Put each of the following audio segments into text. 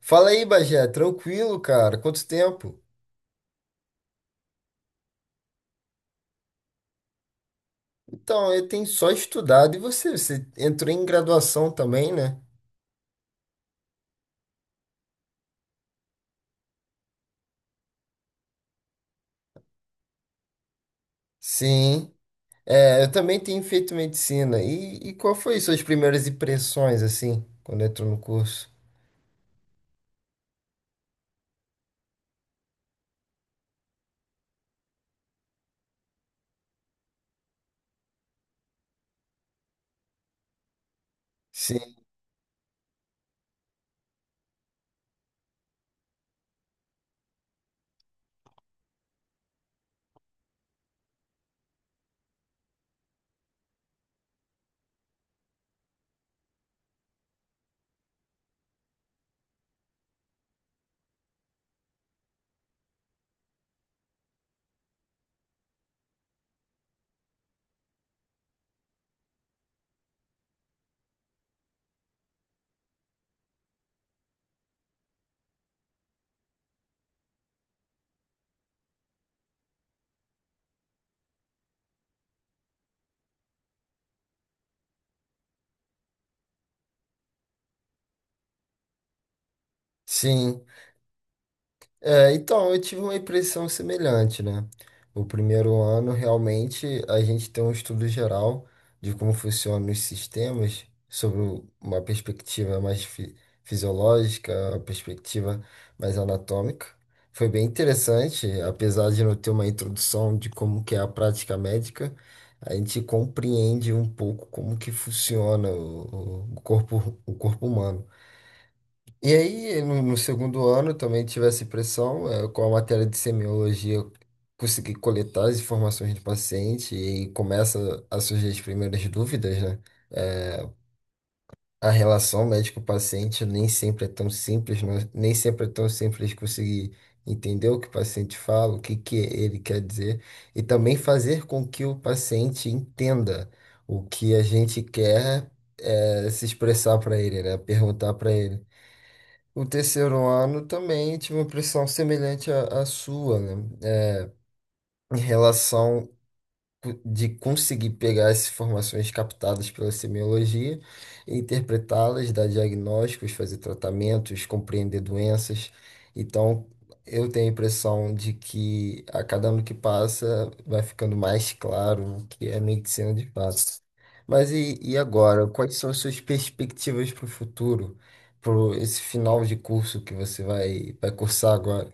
Fala aí, Bagé, tranquilo, cara? Quanto tempo? Então, eu tenho só estudado. E você? Você entrou em graduação também, né? Sim. É, eu também tenho feito medicina. E qual foi suas primeiras impressões, assim, quando entrou no curso? Sim, sim. É, então, eu tive uma impressão semelhante, né? O primeiro ano, realmente, a gente tem um estudo geral de como funcionam os sistemas, sobre uma perspectiva fisiológica, uma perspectiva mais anatômica. Foi bem interessante, apesar de não ter uma introdução de como que é a prática médica, a gente compreende um pouco como que funciona o corpo, o corpo humano. E aí, no segundo ano, também tive essa impressão, com a matéria de semiologia, eu consegui coletar as informações do paciente e começa a surgir as primeiras dúvidas, né? Eh, A relação médico-paciente nem sempre é tão simples, nem sempre é tão simples conseguir entender o que o paciente fala, o que que ele quer dizer, e também fazer com que o paciente entenda o que a gente quer se expressar para ele, né? Perguntar para ele. O terceiro ano também tive uma impressão semelhante à sua, né? Em relação de conseguir pegar essas informações captadas pela semiologia, e interpretá-las, dar diagnósticos, fazer tratamentos, compreender doenças. Então, eu tenho a impressão de que a cada ano que passa vai ficando mais claro o que é medicina de fato. Mas e agora? Quais são as suas perspectivas para o futuro, para esse final de curso que você vai cursar agora?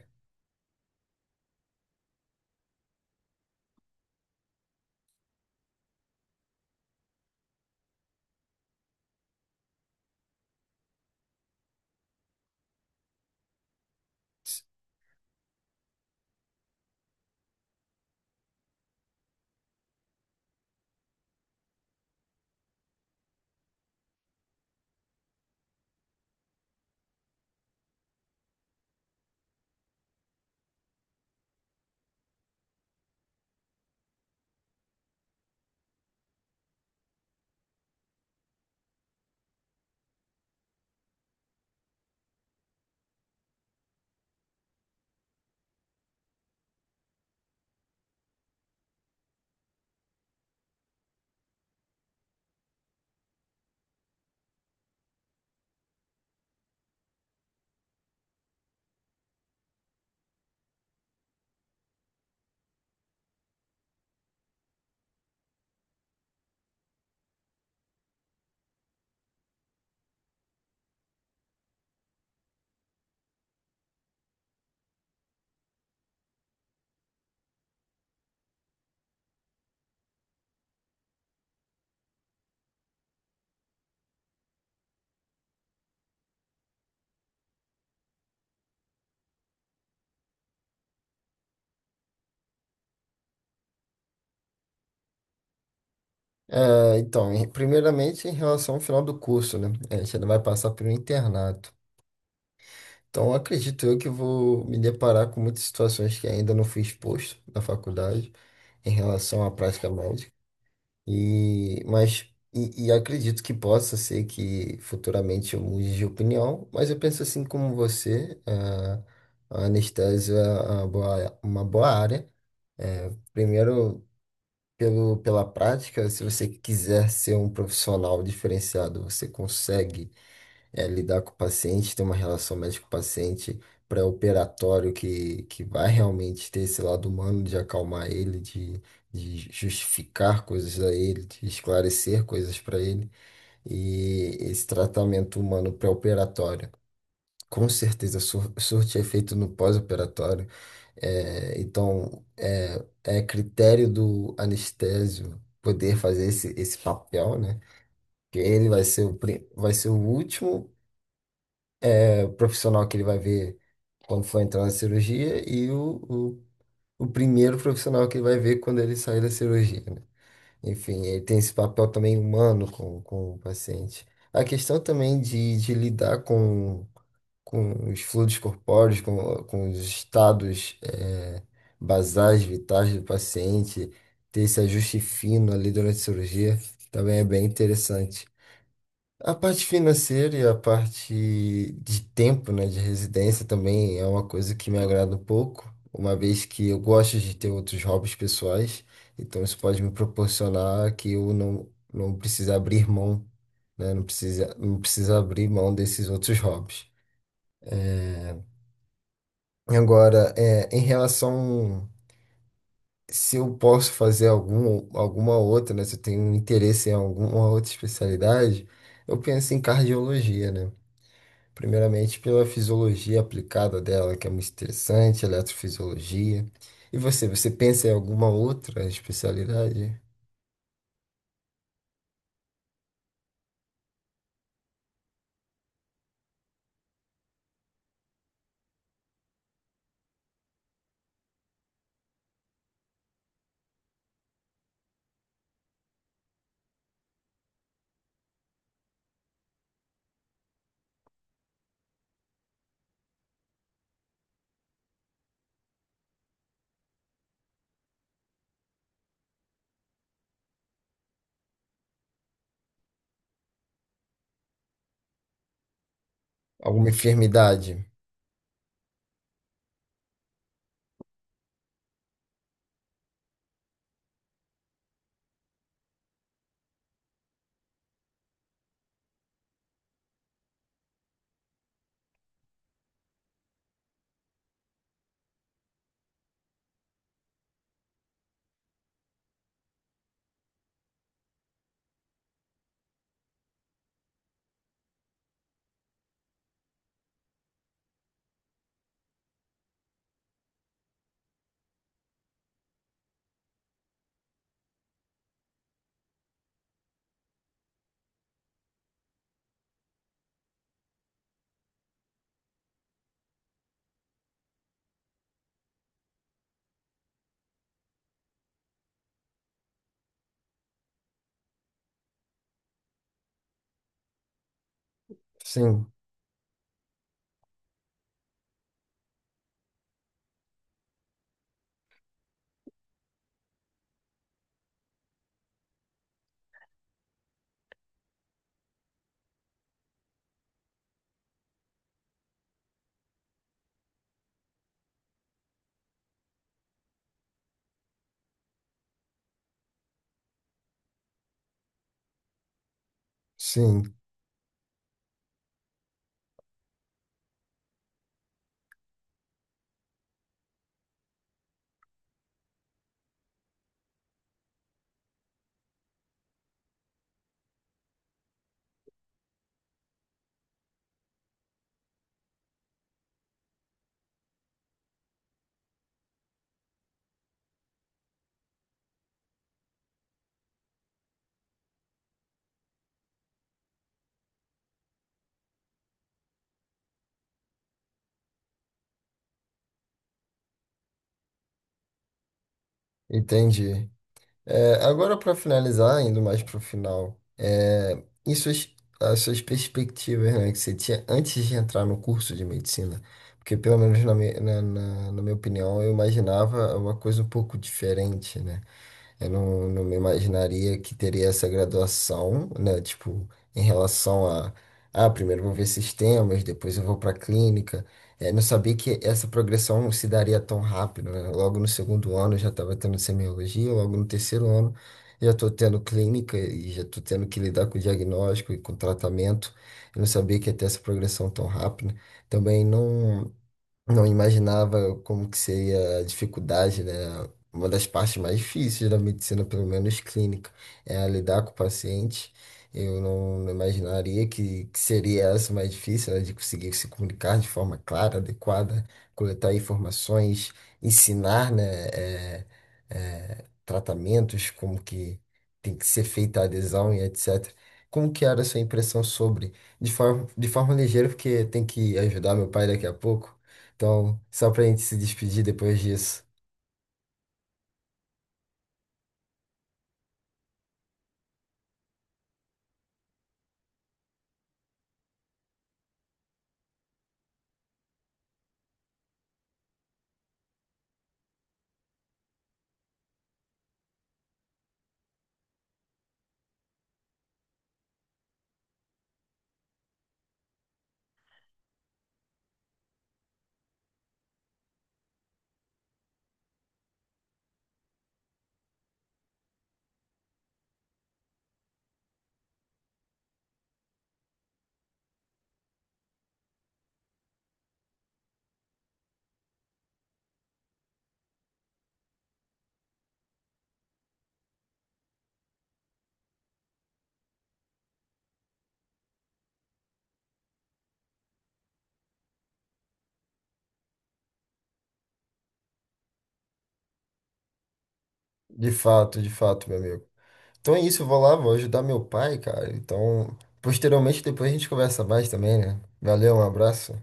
É, então, primeiramente em relação ao final do curso, né? A gente ainda vai passar por um internato. Então, acredito eu que vou me deparar com muitas situações que ainda não fui exposto na faculdade em relação à prática médica. E, mas, e acredito que possa ser que futuramente eu mude de opinião, mas eu penso assim como você, a anestesia é uma boa área. É, primeiro, pela prática, se você quiser ser um profissional diferenciado, você consegue lidar com o paciente, ter uma relação médico-paciente pré-operatório que vai realmente ter esse lado humano de acalmar ele, de justificar coisas a ele, de esclarecer coisas para ele, e esse tratamento humano pré-operatório. Com certeza, surte efeito no pós-operatório. É, então, é, é critério do anestésio poder fazer esse papel, né? Que ele vai ser o, vai ser o último é, profissional que ele vai ver quando for entrar na cirurgia e o, o primeiro profissional que ele vai ver quando ele sair da cirurgia, né? Enfim, ele tem esse papel também humano com o paciente. A questão também de lidar com os fluidos corpóreos, com os estados basais, vitais do paciente, ter esse ajuste fino ali durante a cirurgia, também é bem interessante. A parte financeira e a parte de tempo, né, de residência também é uma coisa que me agrada um pouco, uma vez que eu gosto de ter outros hobbies pessoais, então isso pode me proporcionar que eu não precise abrir mão, né, não precisa abrir mão desses outros hobbies. Agora, é, em relação se eu posso fazer alguma outra, né? Se eu tenho um interesse em alguma outra especialidade, eu penso em cardiologia, né? Primeiramente pela fisiologia aplicada dela, que é muito interessante, eletrofisiologia. E você pensa em alguma outra especialidade? Alguma enfermidade? Sim, sim, entendi. É, agora, para finalizar, indo mais para o final, é, e as suas perspectivas, né, que você tinha antes de entrar no curso de medicina? Porque, pelo menos na minha opinião, eu imaginava uma coisa um pouco diferente, né? Eu não me imaginaria que teria essa graduação, né? Tipo, em relação a, ah, primeiro eu vou ver sistemas, depois eu vou para clínica. É, não sabia que essa progressão se daria tão rápido, né? Logo no segundo ano eu já estava tendo semiologia, logo no terceiro ano já estou tendo clínica e já estou tendo que lidar com diagnóstico e com tratamento. Eu não sabia que ia ter essa progressão tão rápida. Também não. Não imaginava como que seria a dificuldade, né? Uma das partes mais difíceis da medicina, pelo menos clínica, é a lidar com o paciente. Eu não imaginaria que seria essa mais difícil, né? De conseguir se comunicar de forma clara, adequada, coletar informações, ensinar, né? é, tratamentos, como que tem que ser feita a adesão e etc. Como que era a sua impressão sobre, de forma ligeira, porque tem que ajudar meu pai daqui a pouco. Então, só pra gente se despedir depois disso. De fato, meu amigo. Então é isso, eu vou lá, vou ajudar meu pai, cara. Então, posteriormente, depois a gente conversa mais também, né? Valeu, um abraço.